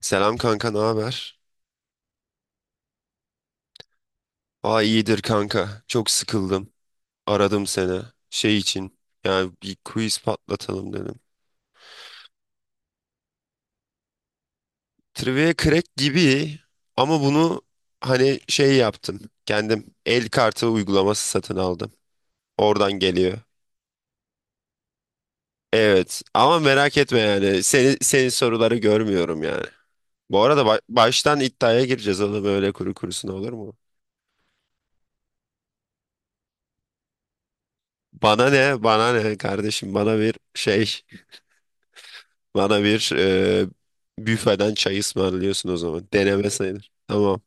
Selam kanka, ne haber? Aa iyidir kanka. Çok sıkıldım. Aradım seni. Şey için. Yani bir quiz patlatalım dedim. Trivia Crack gibi ama bunu hani şey yaptım. Kendim el kartı uygulaması satın aldım. Oradan geliyor. Evet ama merak etme yani. Senin soruları görmüyorum yani. Bu arada baştan iddiaya gireceğiz oğlum, öyle kuru kurusuna olur mu? Bana ne? Bana ne kardeşim? Bana bir şey. Bana bir büfeden çay ısmarlıyorsun o zaman. Deneme sayılır. Tamam.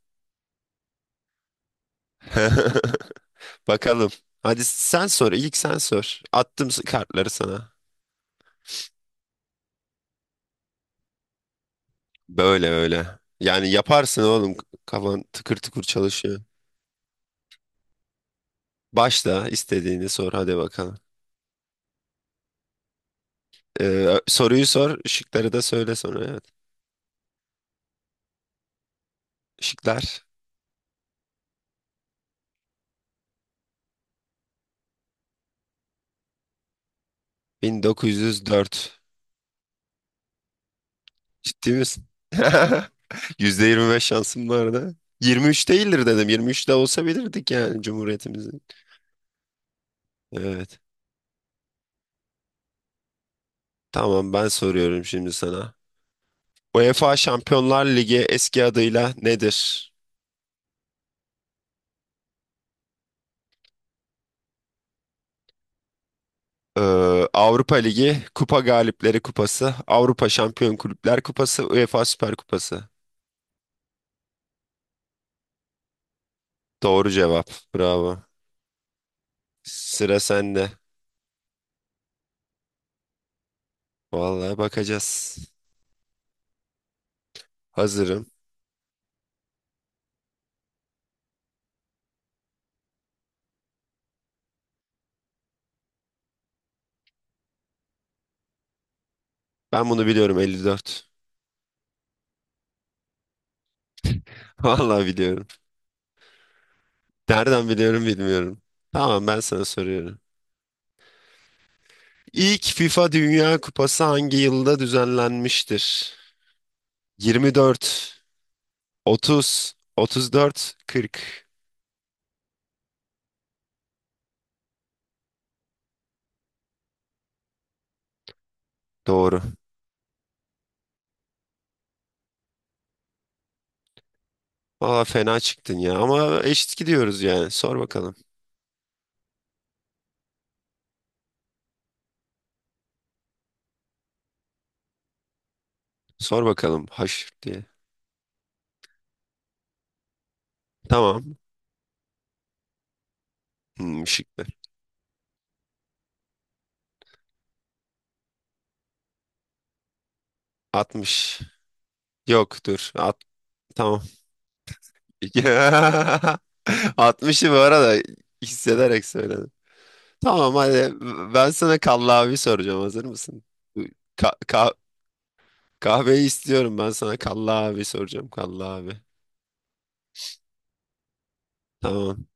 Bakalım. Hadi sen sor. İlk sen sor. Attım kartları sana. Böyle öyle. Yani yaparsın oğlum. Kafan tıkır tıkır çalışıyor. Başla, istediğini sor hadi bakalım. Soruyu sor. Şıkları da söyle sonra. Evet. Şıklar 1904. Ciddi misin? %25 şansım vardı. 23 değildir dedim. 23 de olsa bilirdik yani Cumhuriyetimizin. Evet. Tamam, ben soruyorum şimdi sana. UEFA Şampiyonlar Ligi eski adıyla nedir? Ee, Avrupa Ligi, Kupa Galipleri Kupası, Avrupa Şampiyon Kulüpler Kupası, UEFA Süper Kupası. Doğru cevap. Bravo. Sıra sende. Vallahi bakacağız. Hazırım. Ben bunu biliyorum, 54. Vallahi biliyorum. Nereden biliyorum bilmiyorum. Tamam, ben sana soruyorum. İlk FIFA Dünya Kupası hangi yılda düzenlenmiştir? 24, 30, 34, 40. Doğru. Valla fena çıktın ya, ama eşit gidiyoruz yani. Sor bakalım. Sor bakalım haş diye. Tamam. Şıklar. 60. Yok dur. At, tamam. 60'ı bu arada hissederek söyledim. Tamam hadi, ben sana kallavi soracağım. Hazır mısın? Ka- ka- kahveyi istiyorum, ben sana kallavi soracağım, kallavi. Tamam.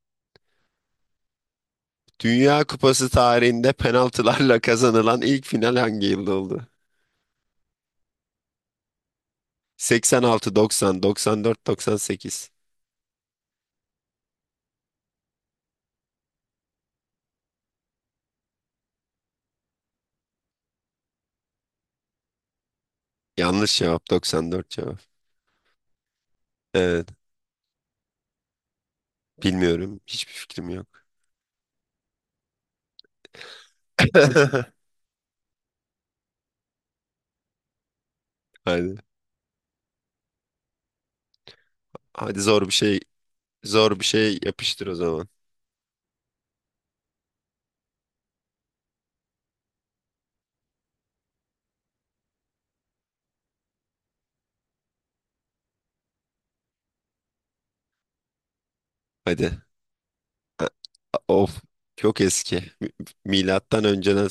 Dünya Kupası tarihinde penaltılarla kazanılan ilk final hangi yılda oldu? 86, 90, 94, 98. Yanlış cevap, 94 cevap. Evet, bilmiyorum. Hiçbir fikrim yok. Hadi. Hadi zor bir şey yapıştır o zaman. Hadi. A- Of, çok eski. Milattan önceden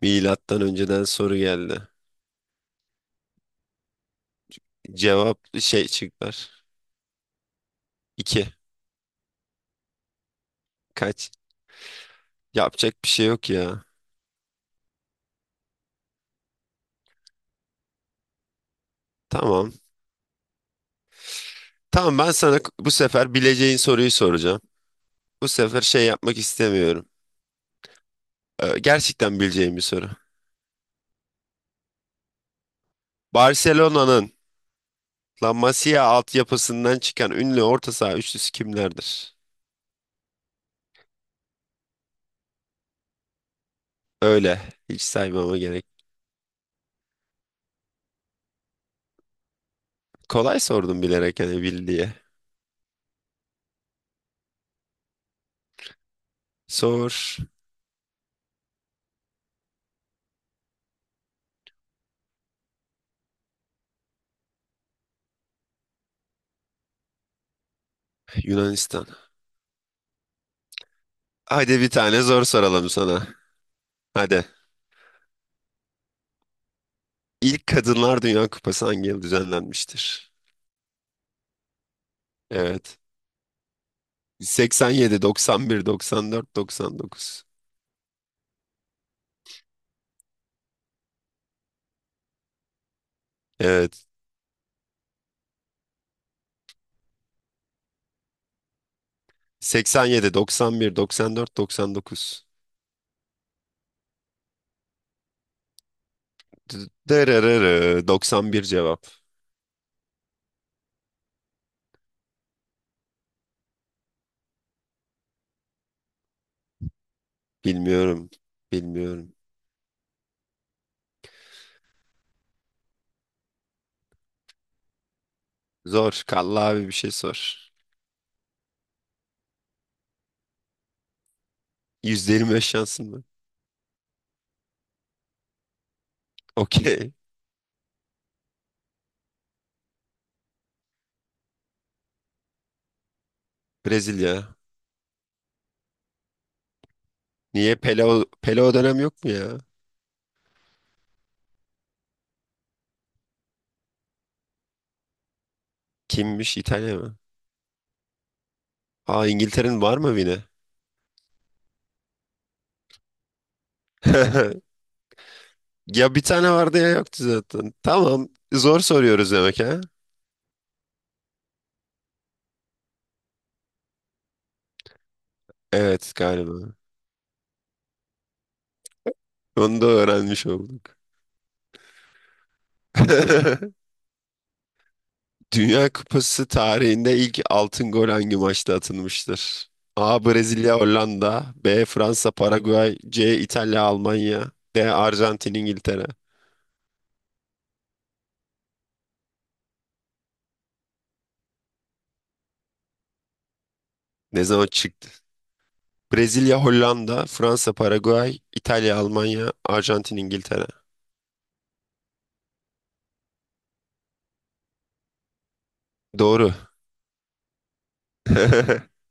milattan önceden soru geldi. Cevap şey çıkar. 2. Kaç? Yapacak bir şey yok ya. Tamam. Tamam, ben sana bu sefer bileceğin soruyu soracağım. Bu sefer şey yapmak istemiyorum. Gerçekten bileceğim bir soru. Barcelona'nın La Masia altyapısından çıkan ünlü orta saha üçlüsü kimlerdir? Öyle. Hiç saymama gerek. Kolay sordum bilerek, hani bil diye. Sor. Yunanistan. Hadi bir tane zor soralım sana. Hadi. İlk Kadınlar Dünya Kupası hangi yıl düzenlenmiştir? Evet. 87, 91, 94, 99. Evet. 87, 91, 94, 99. Dırırırı, 91 cevap. Bilmiyorum. Bilmiyorum. Zor. Kalla abi bir şey sor. %25 şansım var. Okey. Brezilya. Niye Pele, o Pele o dönem yok mu ya? Kimmiş? İtalya mı? Aa, İngiltere'nin var mı yine? Ya bir tane vardı ya yoktu zaten. Tamam. Zor soruyoruz demek ha? Evet galiba. Onu da öğrenmiş olduk. Dünya Kupası tarihinde ilk altın gol hangi maçta atılmıştır? A, Brezilya Hollanda. B, Fransa Paraguay. C, İtalya Almanya. D, Arjantin İngiltere. Ne zaman çıktı? Brezilya Hollanda, Fransa Paraguay, İtalya Almanya, Arjantin İngiltere. Doğru.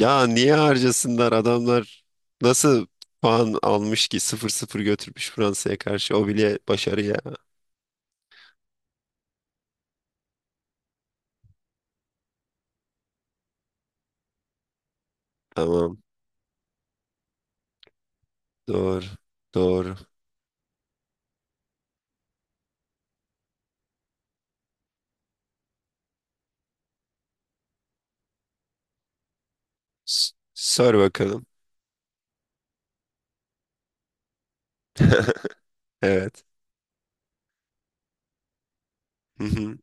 Ya niye harcasınlar adamlar, nasıl puan almış ki 0-0 götürmüş Fransa'ya karşı, o bile başarı ya. Tamam, doğru doğru. Sor bakalım. Evet. Hı hı.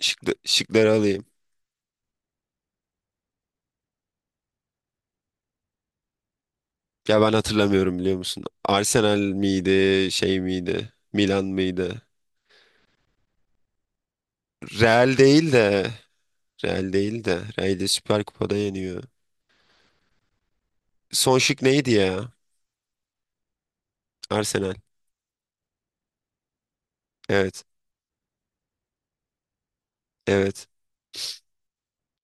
Şıkları alayım. Ya ben hatırlamıyorum biliyor musun? Arsenal miydi, şey miydi? Milan mıydı? Real değil de, Real değil de. Real'i Süper Kupa'da yeniyor. Son şık neydi ya? Arsenal. Evet. Evet.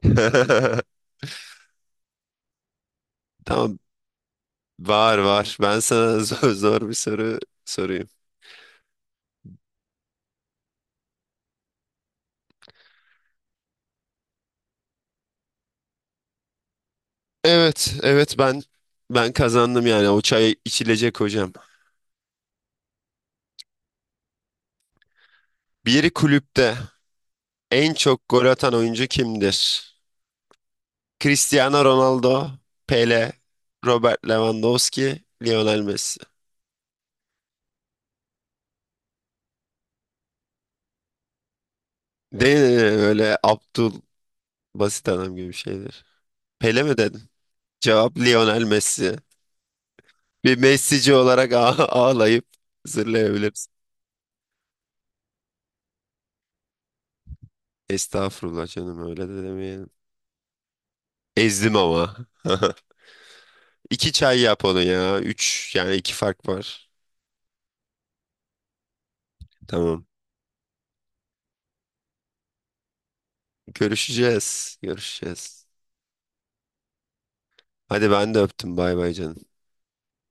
Tamam. Var var. Ben sana zor bir soru sorayım. Evet, evet ben kazandım yani, o çay içilecek hocam. Bir kulüpte en çok gol atan oyuncu kimdir? Cristiano Ronaldo, Pele, Robert Lewandowski, Lionel Messi. Değil mi? Böyle Abdul Basit adam gibi bir şeydir. Pele mi dedin? Cevap Lionel Messi. Bir Messi'ci olarak ağlayıp zırlayabiliriz. Estağfurullah canım, öyle de demeyelim. Ezdim ama. İki çay yap onu ya. Üç, yani iki fark var. Tamam. Görüşeceğiz. Görüşeceğiz. Hadi ben de öptüm. Bay bay canım.